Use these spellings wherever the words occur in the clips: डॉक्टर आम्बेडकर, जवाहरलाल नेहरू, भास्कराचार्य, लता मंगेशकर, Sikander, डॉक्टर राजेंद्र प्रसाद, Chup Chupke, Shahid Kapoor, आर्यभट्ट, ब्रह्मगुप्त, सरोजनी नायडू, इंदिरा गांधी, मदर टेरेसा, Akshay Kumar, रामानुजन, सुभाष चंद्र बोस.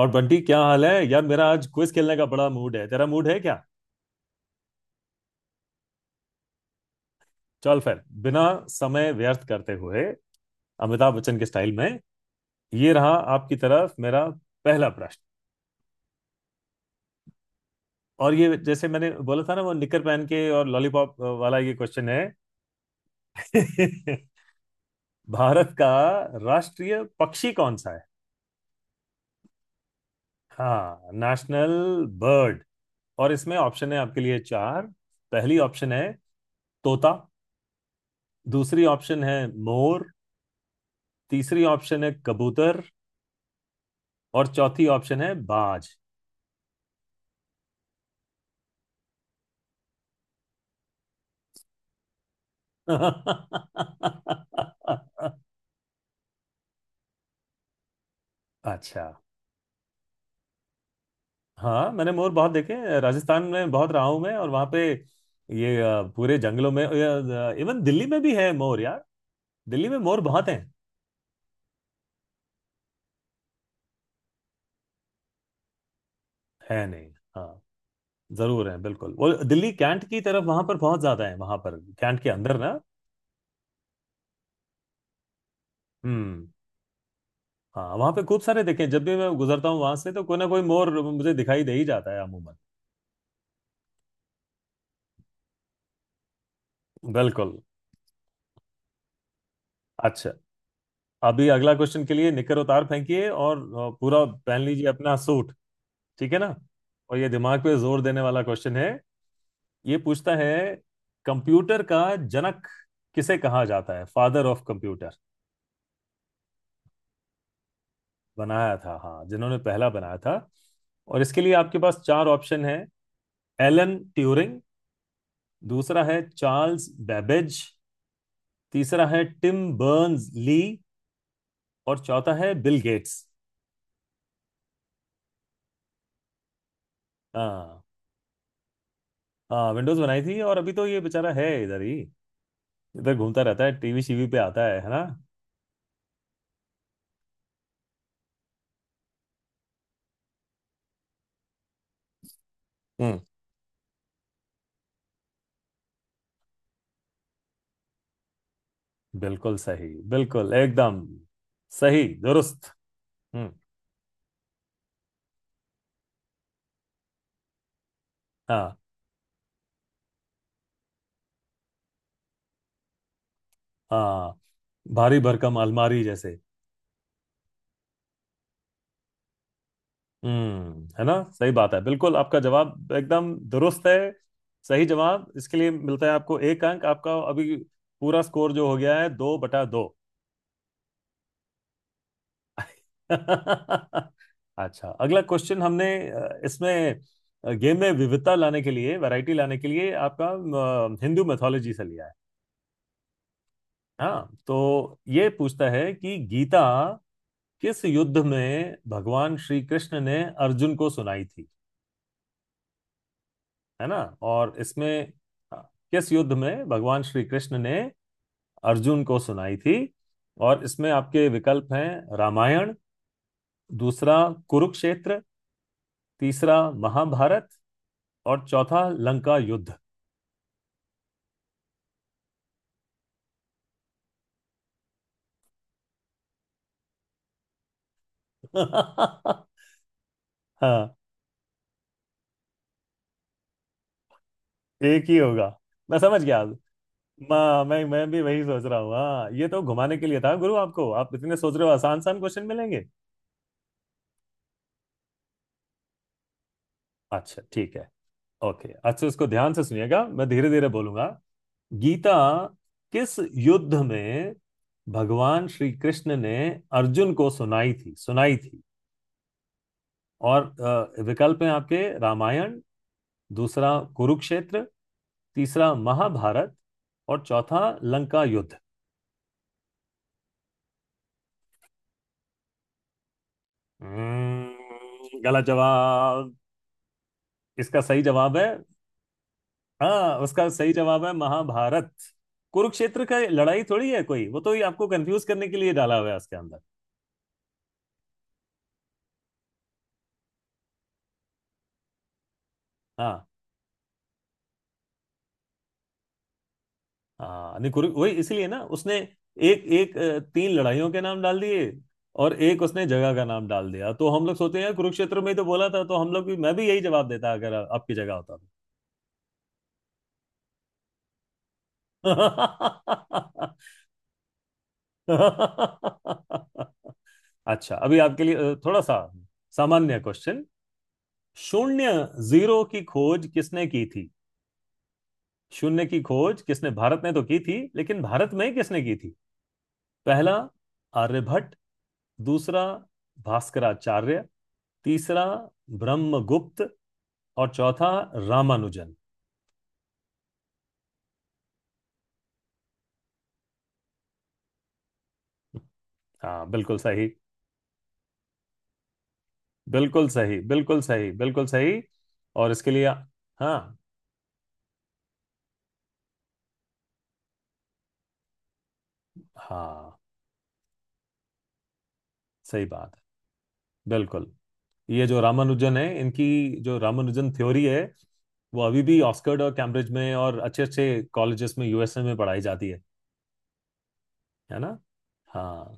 और बंटी क्या हाल है यार। मेरा आज क्विज खेलने का बड़ा मूड है। तेरा मूड है क्या। चल फिर बिना समय व्यर्थ करते हुए अमिताभ बच्चन के स्टाइल में ये रहा आपकी तरफ मेरा पहला प्रश्न। और ये जैसे मैंने बोला था ना वो निकर पहन के और लॉलीपॉप वाला ये क्वेश्चन है। भारत का राष्ट्रीय पक्षी कौन सा है। हाँ, नेशनल बर्ड। और इसमें ऑप्शन है आपके लिए चार। पहली ऑप्शन है तोता, दूसरी ऑप्शन है मोर, तीसरी ऑप्शन है कबूतर, और चौथी ऑप्शन है बाज। अच्छा। हाँ, मैंने मोर बहुत देखे हैं। राजस्थान में बहुत रहा हूं मैं, और वहां पे ये पूरे जंगलों में इवन दिल्ली में भी है मोर यार। दिल्ली में मोर बहुत हैं। है नहीं, हाँ, जरूर है बिल्कुल। वो दिल्ली कैंट की तरफ वहां पर बहुत ज्यादा है, वहां पर कैंट के अंदर ना। हम्म हाँ, वहां पे खूब सारे देखे हैं। जब भी मैं गुजरता हूँ वहां से तो कोई ना कोई मोर मुझे दिखाई दे ही जाता है अमूमन। बिल्कुल। अच्छा, अभी अगला क्वेश्चन के लिए निकर उतार फेंकिए और पूरा पहन लीजिए अपना सूट। ठीक है ना। और ये दिमाग पे जोर देने वाला क्वेश्चन है। ये पूछता है कंप्यूटर का जनक किसे कहा जाता है, फादर ऑफ कंप्यूटर। बनाया था, हाँ, जिन्होंने पहला बनाया था। और इसके लिए आपके पास चार ऑप्शन है। एलन ट्यूरिंग, दूसरा है चार्ल्स बेबेज, तीसरा है टिम बर्न्स ली, और चौथा है बिल गेट्स। हाँ, हाँ विंडोज बनाई थी, और अभी तो ये बेचारा है इधर ही, इधर घूमता रहता है, टीवी शीवी पे आता है ना। हम्म बिल्कुल सही। बिल्कुल एकदम सही दुरुस्त। हम्म। हाँ। हाँ, भारी भरकम अलमारी जैसे। हम्म, है ना, सही बात है। बिल्कुल आपका जवाब एकदम दुरुस्त है। सही जवाब इसके लिए मिलता है आपको एक अंक। आपका अभी पूरा स्कोर जो हो गया है 2/2। अच्छा, अगला क्वेश्चन हमने इसमें गेम में विविधता लाने के लिए, वैरायटी लाने के लिए, आपका हिंदू मैथोलॉजी से लिया है। हाँ, तो ये पूछता है कि गीता किस युद्ध में भगवान श्री कृष्ण ने अर्जुन को सुनाई थी। है ना। और इसमें हाँ, किस युद्ध में भगवान श्री कृष्ण ने अर्जुन को सुनाई थी। और इसमें आपके विकल्प हैं रामायण, दूसरा कुरुक्षेत्र, तीसरा महाभारत, और चौथा लंका युद्ध। हाँ, एक ही होगा। मैं समझ गया। मैं भी वही सोच रहा हूँ। हाँ, ये तो घुमाने के लिए था गुरु आपको। आप इतने सोच रहे हो, आसान आसान क्वेश्चन मिलेंगे। अच्छा ठीक है। ओके, अच्छा, इसको ध्यान से सुनिएगा, मैं धीरे धीरे बोलूंगा। गीता किस युद्ध में भगवान श्री कृष्ण ने अर्जुन को सुनाई थी। और विकल्प हैं आपके रामायण, दूसरा कुरुक्षेत्र, तीसरा महाभारत, और चौथा लंका युद्ध। गलत जवाब। इसका सही जवाब है, हाँ, उसका सही जवाब है महाभारत। कुरुक्षेत्र का लड़ाई थोड़ी है कोई, वो तो ये आपको कंफ्यूज करने के लिए डाला हुआ है उसके अंदर। हाँ। हाँ नहीं, कुरु वही इसलिए ना उसने एक एक तीन लड़ाइयों के नाम डाल दिए और एक उसने जगह का नाम डाल दिया, तो हम लोग सोचते हैं कुरुक्षेत्र में ही तो बोला था। तो हम लोग भी, मैं भी यही जवाब देता अगर आपकी जगह होता तो। अच्छा, अभी आपके लिए थोड़ा सा सामान्य क्वेश्चन। शून्य, जीरो की खोज किसने की थी? शून्य की खोज किसने, भारत ने तो की थी लेकिन भारत में किसने की थी। पहला आर्यभट्ट, दूसरा भास्कराचार्य, तीसरा ब्रह्मगुप्त, और चौथा रामानुजन। हाँ बिल्कुल सही। बिल्कुल सही, बिल्कुल सही, बिल्कुल सही। और इसके लिए हाँ। हाँ, सही बात है, बिल्कुल। ये जो रामानुजन है, इनकी जो रामानुजन थ्योरी है, वो अभी भी ऑक्सफोर्ड और कैम्ब्रिज में और अच्छे अच्छे कॉलेजेस में यूएसए में पढ़ाई जाती है। है ना। हाँ,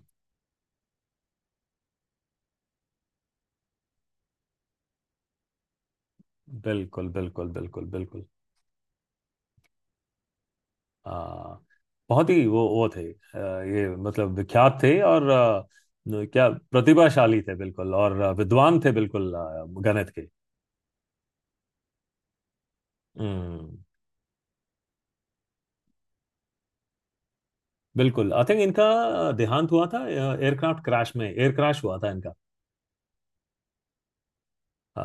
बिल्कुल बिल्कुल बिल्कुल बिल्कुल। हाँ, बहुत ही वो थे, ये मतलब विख्यात थे, और क्या प्रतिभाशाली थे बिल्कुल, और विद्वान थे बिल्कुल, गणित के। हम्म। बिल्कुल, आई थिंक इनका देहांत हुआ था एयरक्राफ्ट क्रैश में, एयर क्रैश हुआ था इनका। अ,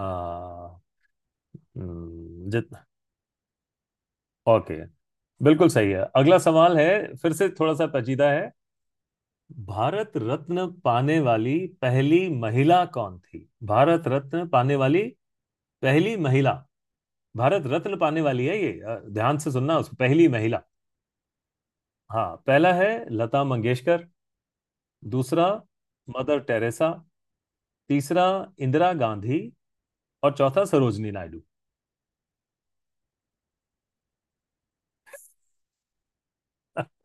जित ओके, बिल्कुल सही है। अगला सवाल है, फिर से थोड़ा सा पेचीदा है। भारत रत्न पाने वाली पहली महिला कौन थी, भारत रत्न पाने वाली पहली महिला, भारत रत्न पाने वाली है ये, ध्यान से सुनना उसको, पहली महिला। हाँ, पहला है लता मंगेशकर, दूसरा मदर टेरेसा, तीसरा इंदिरा गांधी, और चौथा सरोजनी नायडू।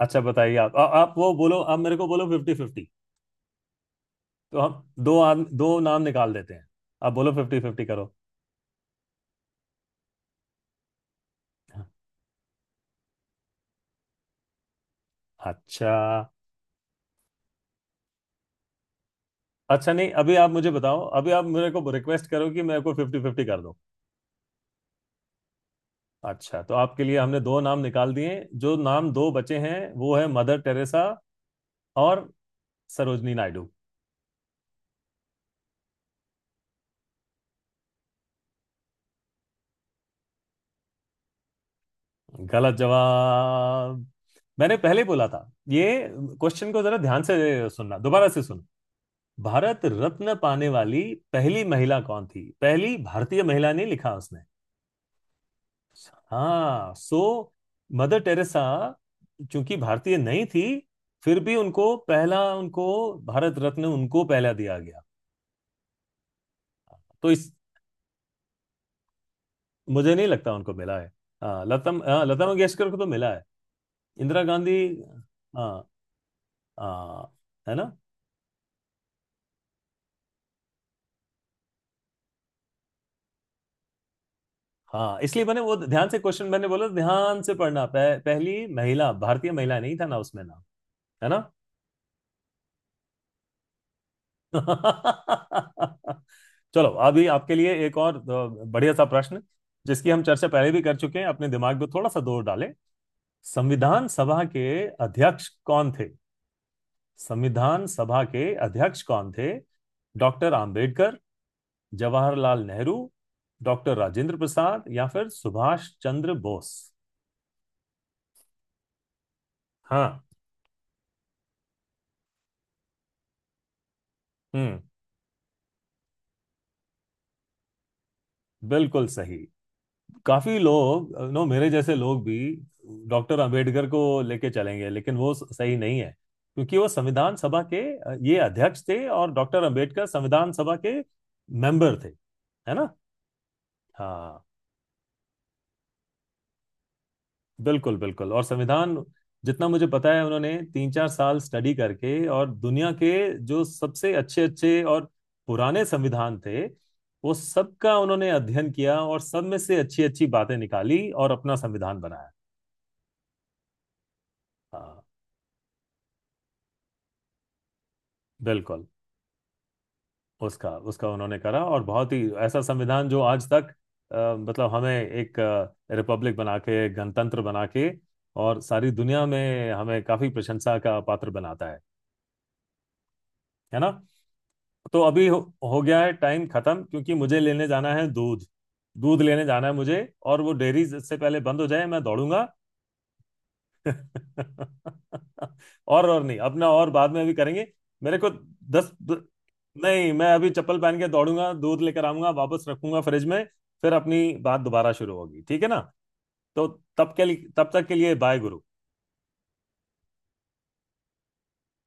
अच्छा, बताइए आप, आप वो बोलो, आप मेरे को बोलो फिफ्टी फिफ्टी, तो हम दो नाम निकाल देते हैं। आप बोलो फिफ्टी फिफ्टी करो। अच्छा। अच्छा नहीं, अभी आप मुझे बताओ, अभी आप मेरे को रिक्वेस्ट करो कि मेरे को फिफ्टी फिफ्टी कर दो। अच्छा, तो आपके लिए हमने दो नाम निकाल दिए। जो नाम दो बचे हैं वो है मदर टेरेसा और सरोजनी नायडू। गलत जवाब। मैंने पहले बोला था ये क्वेश्चन को जरा ध्यान से सुनना, दोबारा से सुन। भारत रत्न पाने वाली पहली महिला कौन थी, पहली भारतीय महिला नहीं लिखा उसने। हाँ, सो मदर टेरेसा चूंकि भारतीय नहीं थी, फिर भी उनको पहला, उनको भारत रत्न उनको पहला दिया गया। तो इस, मुझे नहीं लगता उनको मिला है। हाँ, लता, हाँ, लता मंगेशकर को तो मिला है। इंदिरा गांधी। हाँ। हाँ, है ना। हाँ, इसलिए मैंने वो ध्यान से क्वेश्चन मैंने बोला ध्यान से पढ़ना, पहली महिला, भारतीय महिला नहीं था ना उसमें ना। है ना। चलो, अभी आपके लिए एक और बढ़िया सा प्रश्न, जिसकी हम चर्चा पहले भी कर चुके हैं, अपने दिमाग पे थोड़ा सा जोर डालें। संविधान सभा के अध्यक्ष कौन थे, संविधान सभा के अध्यक्ष कौन थे। डॉक्टर आम्बेडकर, जवाहरलाल नेहरू, डॉक्टर राजेंद्र प्रसाद, या फिर सुभाष चंद्र बोस। हाँ। हम्म। बिल्कुल सही। काफी लोग, नो, मेरे जैसे लोग भी डॉक्टर अंबेडकर को लेके चलेंगे, लेकिन वो सही नहीं है। क्योंकि वो संविधान सभा के ये अध्यक्ष थे, और डॉक्टर अंबेडकर संविधान सभा के मेंबर थे। है ना। हाँ बिल्कुल, बिल्कुल। और संविधान, जितना मुझे पता है, उन्होंने 3 4 साल स्टडी करके, और दुनिया के जो सबसे अच्छे अच्छे और पुराने संविधान थे, वो सबका उन्होंने अध्ययन किया और सब में से अच्छी अच्छी बातें निकाली और अपना संविधान बनाया। हाँ, बिल्कुल। उसका उसका उन्होंने करा, और बहुत ही ऐसा संविधान जो आज तक मतलब हमें एक रिपब्लिक बना के, गणतंत्र बना के, और सारी दुनिया में हमें काफी प्रशंसा का पात्र बनाता है। है ना। तो अभी हो गया है टाइम खत्म, क्योंकि मुझे लेने जाना है दूध, दूध लेने जाना है मुझे, और वो डेयरी से पहले बंद हो जाए, मैं दौड़ूंगा। और नहीं, अपना और बाद में अभी करेंगे। मेरे को दस द- नहीं, मैं अभी चप्पल पहन के दौड़ूंगा, दूध लेकर आऊंगा, वापस रखूंगा फ्रिज में, फिर अपनी बात दोबारा शुरू होगी, ठीक है ना। तो तब के लिए, तब तक के लिए, बाय गुरु।